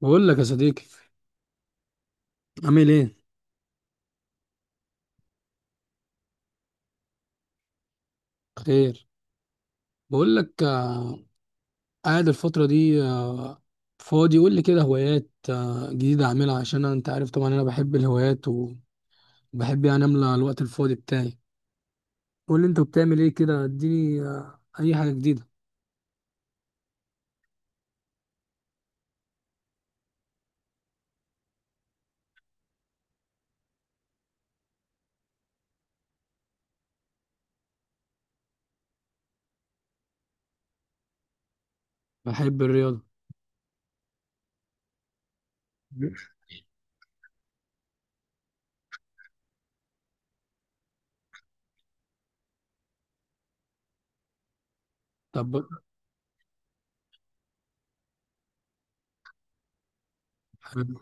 بقول لك يا صديقي. عامل ايه؟ خير. بقول لك قاعد الفتره دي فاضي. قول لي كده هوايات جديده اعملها عشان انت عارف طبعا انا بحب الهوايات وبحب يعني املى الوقت الفاضي بتاعي. قول لي انت بتعمل ايه كده، اديني اي حاجه جديده. بحب الرياضه. طب حلو.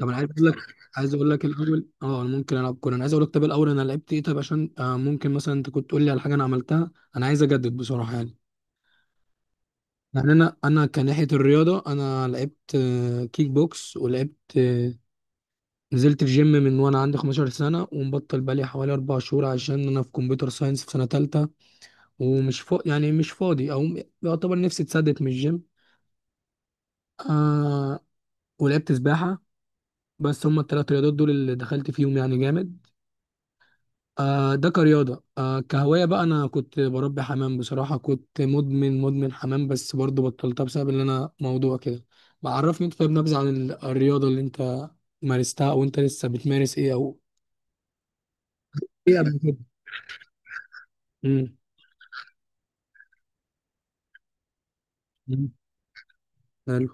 طب انا عايز اقول لك، عايز اقول لك الاول اه انا ممكن العب كوره. انا عايز اقول لك طب الاول انا لعبت ايه طب عشان ممكن مثلا انت كنت تقول لي على حاجه انا عملتها. انا عايز اجدد بصراحه يعني. يعني انا كناحيه الرياضه انا لعبت كيك بوكس ولعبت نزلت الجيم من وانا عندي 15 سنه ومبطل بقالي حوالي 4 شهور عشان انا في كمبيوتر ساينس في سنه تالتة. يعني مش فاضي او يعتبر نفسي اتسدت من الجيم. آه... ولعبت سباحه. بس هما الثلاث رياضات دول اللي دخلت فيهم يعني جامد. آه، ده كرياضة. آه كهواية بقى أنا كنت بربي حمام بصراحة، كنت مدمن حمام بس برضو بطلتها بسبب إن أنا موضوع كده. بعرفني أنت، طيب نبذة عن الرياضة اللي أنت مارستها أو أنت لسه بتمارس إيه، أو إيه قبل كده؟ امم أمم، حلو.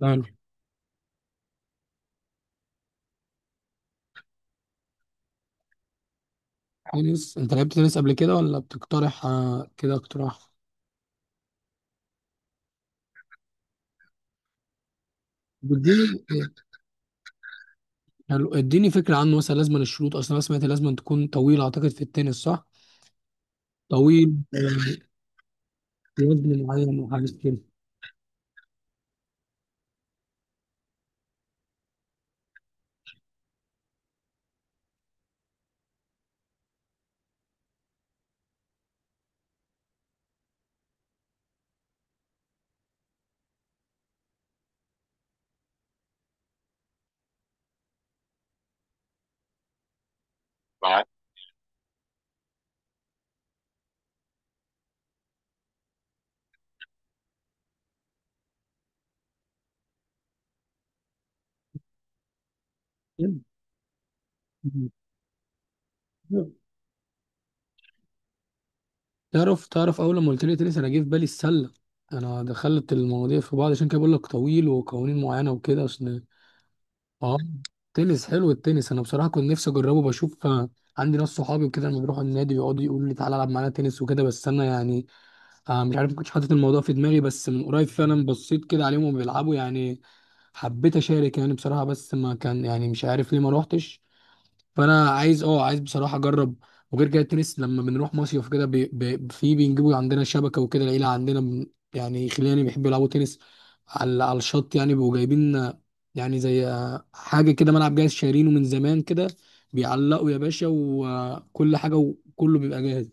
حلو. تنس؟ أنت لعبت تنس قبل كده ولا بتقترح آه كده اقتراح؟ بديني. حلو، اديني فكرة عنه. مثلا لازم الشروط، أصلا أنا سمعت لازم تكون طويل أعتقد في التنس، صح؟ طويل، وزن معين وحاجات كده. تعرف اول لما قلت لي تنس انا جه في بالي السله. انا دخلت المواضيع في بعض عشان كده بقول لك طويل وقوانين معينه وكده، عشان اه. تنس حلو التنس، انا بصراحه كنت نفسي اجربه بشوف. عندي ناس صحابي وكده لما بيروحوا النادي بيقعدوا يقولوا لي تعالى العب معانا تنس وكده، بس انا يعني مش عارف ما كنتش حاطط الموضوع في دماغي، بس من قريب فعلا بصيت كده عليهم وهم بيلعبوا يعني. حبيت اشارك يعني بصراحه، بس ما كان يعني مش عارف ليه ما روحتش. فانا عايز اه عايز بصراحه اجرب. وغير كده التنس لما بنروح مصيف كده بي بي في بينجيبوا عندنا شبكه وكده. العيله عندنا يعني خلاني بيحبوا يلعبوا تنس على الشط يعني. بيبقوا جايبين يعني زي حاجه كده، ملعب جاهز شايرينه من زمان كده، بيعلقوا يا باشا وكل حاجه وكله بيبقى جاهز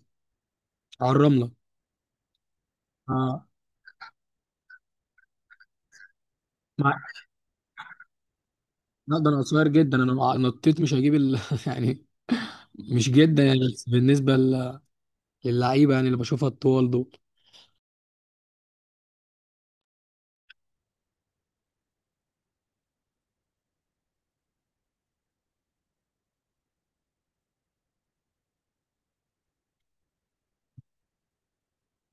على الرمله. اه مع- لا ده انا صغير جدا، انا نطيت مش هجيب يعني مش جدا يعني، بس بالنسبه للعيبه يعني اللي بشوفها الطوال دول.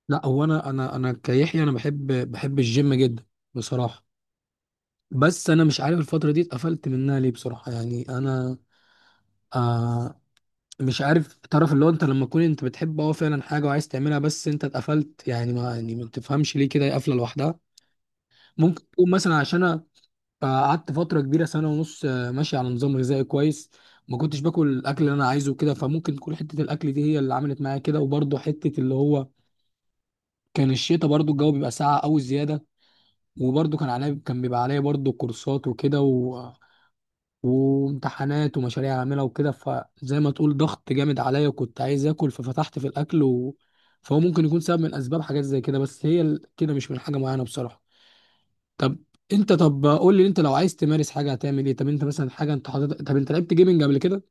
لا هو انا كيحيى انا بحب، بحب الجيم جدا بصراحه. بس انا مش عارف الفتره دي اتقفلت منها ليه بصراحه يعني انا آه. مش عارف، تعرف اللي هو انت لما تكون انت بتحب اه فعلا حاجه وعايز تعملها بس انت اتقفلت، يعني ما يعني ما تفهمش ليه كده هي قافله لوحدها. ممكن تكون مثلا عشان انا قعدت فتره كبيره سنه ونص ماشي على نظام غذائي كويس. ما كنتش باكل الاكل اللي انا عايزه كده، فممكن تكون حته الاكل دي هي اللي عملت معايا كده. وبرضه حته اللي هو كان الشتاء، برضه الجو بيبقى ساقع قوي زياده. وبرضه كان عليا، كان بيبقى عليا برضه كورسات وكده وامتحانات ومشاريع اعملها وكده، فزي ما تقول ضغط جامد عليا وكنت عايز اكل ففتحت في الاكل فهو ممكن يكون سبب من اسباب حاجات زي كده، بس هي كده مش من حاجه معينه بصراحه. طب انت، طب قول لي انت لو عايز تمارس حاجه هتعمل ايه؟ طب انت مثلا حاجه انت حاطط، طب انت لعبت جيمنج قبل كده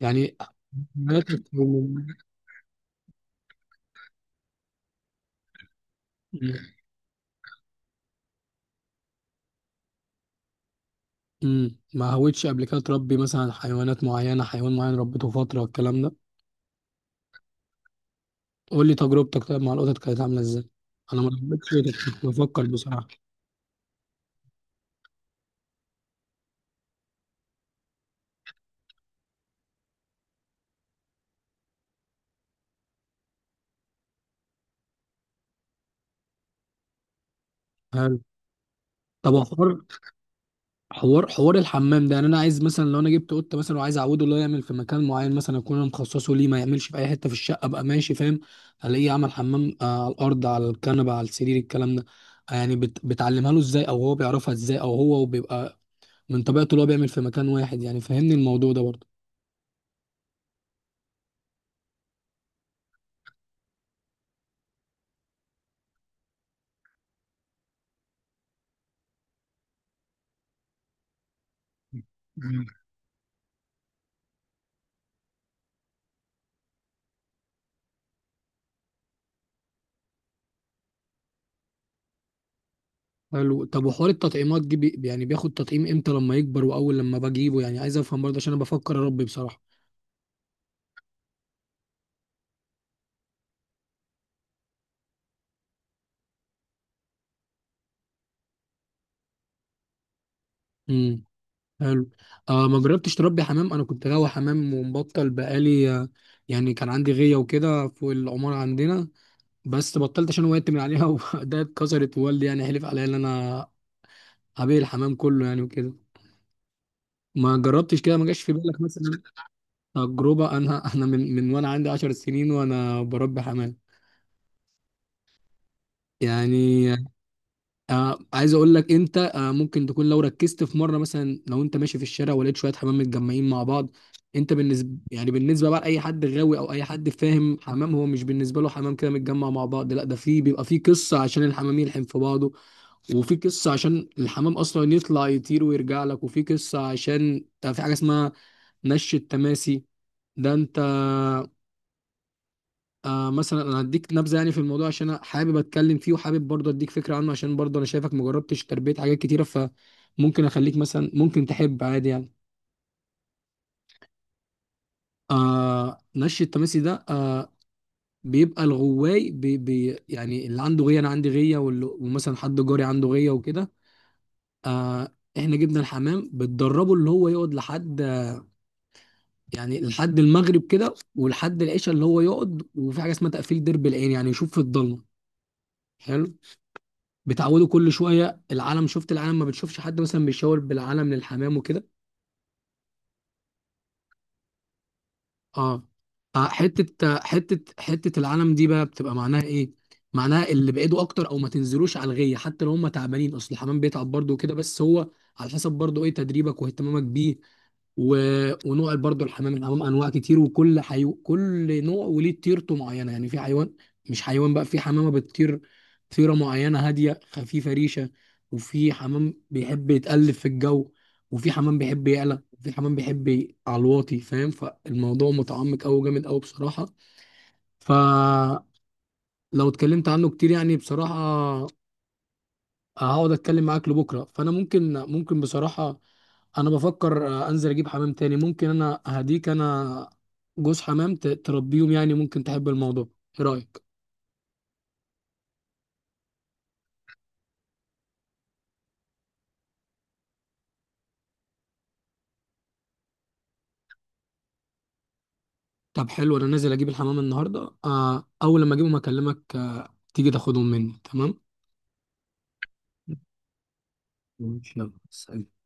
يعني؟ هواياتك. ما هويتش قبل كده تربي مثلا حيوانات معينه، حيوان معين ربيته فتره والكلام ده؟ قول لي تجربتك طيب مع القطط كانت عامله ازاي؟ انا ما ربيتش قطط كنت بفكر بصراحه. هل طب حوار حوار الحمام ده، يعني انا عايز مثلا لو انا جبت قطه مثلا وعايز اعوده اللي هو يعمل في مكان معين مثلا اكون انا مخصصه ليه، ما يعملش في اي حته في الشقه، ابقى ماشي فاهم. الاقيه عمل حمام على الارض، على الكنبه، على السرير، الكلام ده. يعني بتعلمها له ازاي او هو بيعرفها ازاي، او هو بيبقى من طبيعته اللي هو بيعمل في مكان واحد يعني، فهمني الموضوع ده برضه. حلو طب، وحوار التطعيمات دي، بي يعني بياخد تطعيم امتى لما يكبر واول لما بجيبه؟ يعني عايز افهم برضه عشان انا بفكر اربي بصراحه. امم حلو. آه ما جربتش تربي حمام. انا كنت غاوي حمام ومبطل بقالي يعني. كان عندي غيه وكده فوق العماره عندنا، بس بطلت عشان وقعت من عليها وده اتكسرت ووالدي يعني حلف عليا ان انا هبيع الحمام كله يعني وكده. ما جربتش كده، ما جاش في بالك مثلا تجربه؟ انا من وانا عندي 10 سنين وانا بربي حمام يعني. آه عايز اقول لك انت، آه ممكن تكون لو ركزت في مره مثلا لو انت ماشي في الشارع ولقيت شويه حمام متجمعين مع بعض. انت بالنسبه يعني بالنسبه بقى لاي حد غاوي او اي حد فاهم حمام، هو مش بالنسبه له حمام كده متجمع مع بعض، لا ده في بيبقى في قصه عشان الحمام يلحم في بعضه، وفي قصه عشان الحمام اصلا يطلع يطير ويرجع لك، وفي قصه عشان ده في حاجه اسمها نش التماسي. ده انت آه مثلا انا هديك نبذه يعني في الموضوع عشان انا حابب اتكلم فيه، وحابب برضه اديك فكره عنه عشان برضه انا شايفك مجربتش تربيه حاجات كتيره، فممكن اخليك مثلا ممكن تحب عادي يعني. آه نش التماسي ده آه بيبقى الغواي بي بي يعني اللي عنده غيه، انا عندي غيه ومثلا حد جاري عنده غيه وكده. آه احنا جبنا الحمام بتدربه اللي هو يقعد لحد يعني لحد المغرب كده ولحد العشاء اللي هو يقعد. وفي حاجه اسمها تقفيل درب العين يعني يشوف في الضلمه. حلو. بتعودوا كل شويه العلم، شفت العلم؟ ما بتشوفش حد مثلا بيشاور بالعلم للحمام وكده؟ اه. حته العلم دي بقى بتبقى معناها ايه؟ معناها اللي بعيدوا اكتر او ما تنزلوش على الغيه حتى لو هم تعبانين، اصل الحمام بيتعب برضه وكده. بس هو على حسب برضه ايه تدريبك واهتمامك بيه و... ونوع برضو الحمام. الحمام انواع كتير، وكل كل نوع وليه طيرته معينه يعني. في حيوان، مش حيوان بقى، في حمامه بتطير طيره معينه هاديه خفيفه ريشه، وفي حمام بيحب يتقلب في الجو، وفي حمام بيحب يعلى، وفي حمام بيحب على الواطي فاهم. فالموضوع متعمق قوي جامد قوي بصراحه. فلو اتكلمت عنه كتير يعني بصراحه هقعد اتكلم معاك لبكره. فانا ممكن بصراحه انا بفكر انزل اجيب حمام تاني. ممكن انا هديك انا جوز حمام تربيهم يعني ممكن تحب الموضوع. ايه رايك؟ طب حلو انا نازل اجيب الحمام النهارده اول لما اجيبهم اكلمك تيجي تاخدهم مني، تمام؟ ماشي يلا سلام.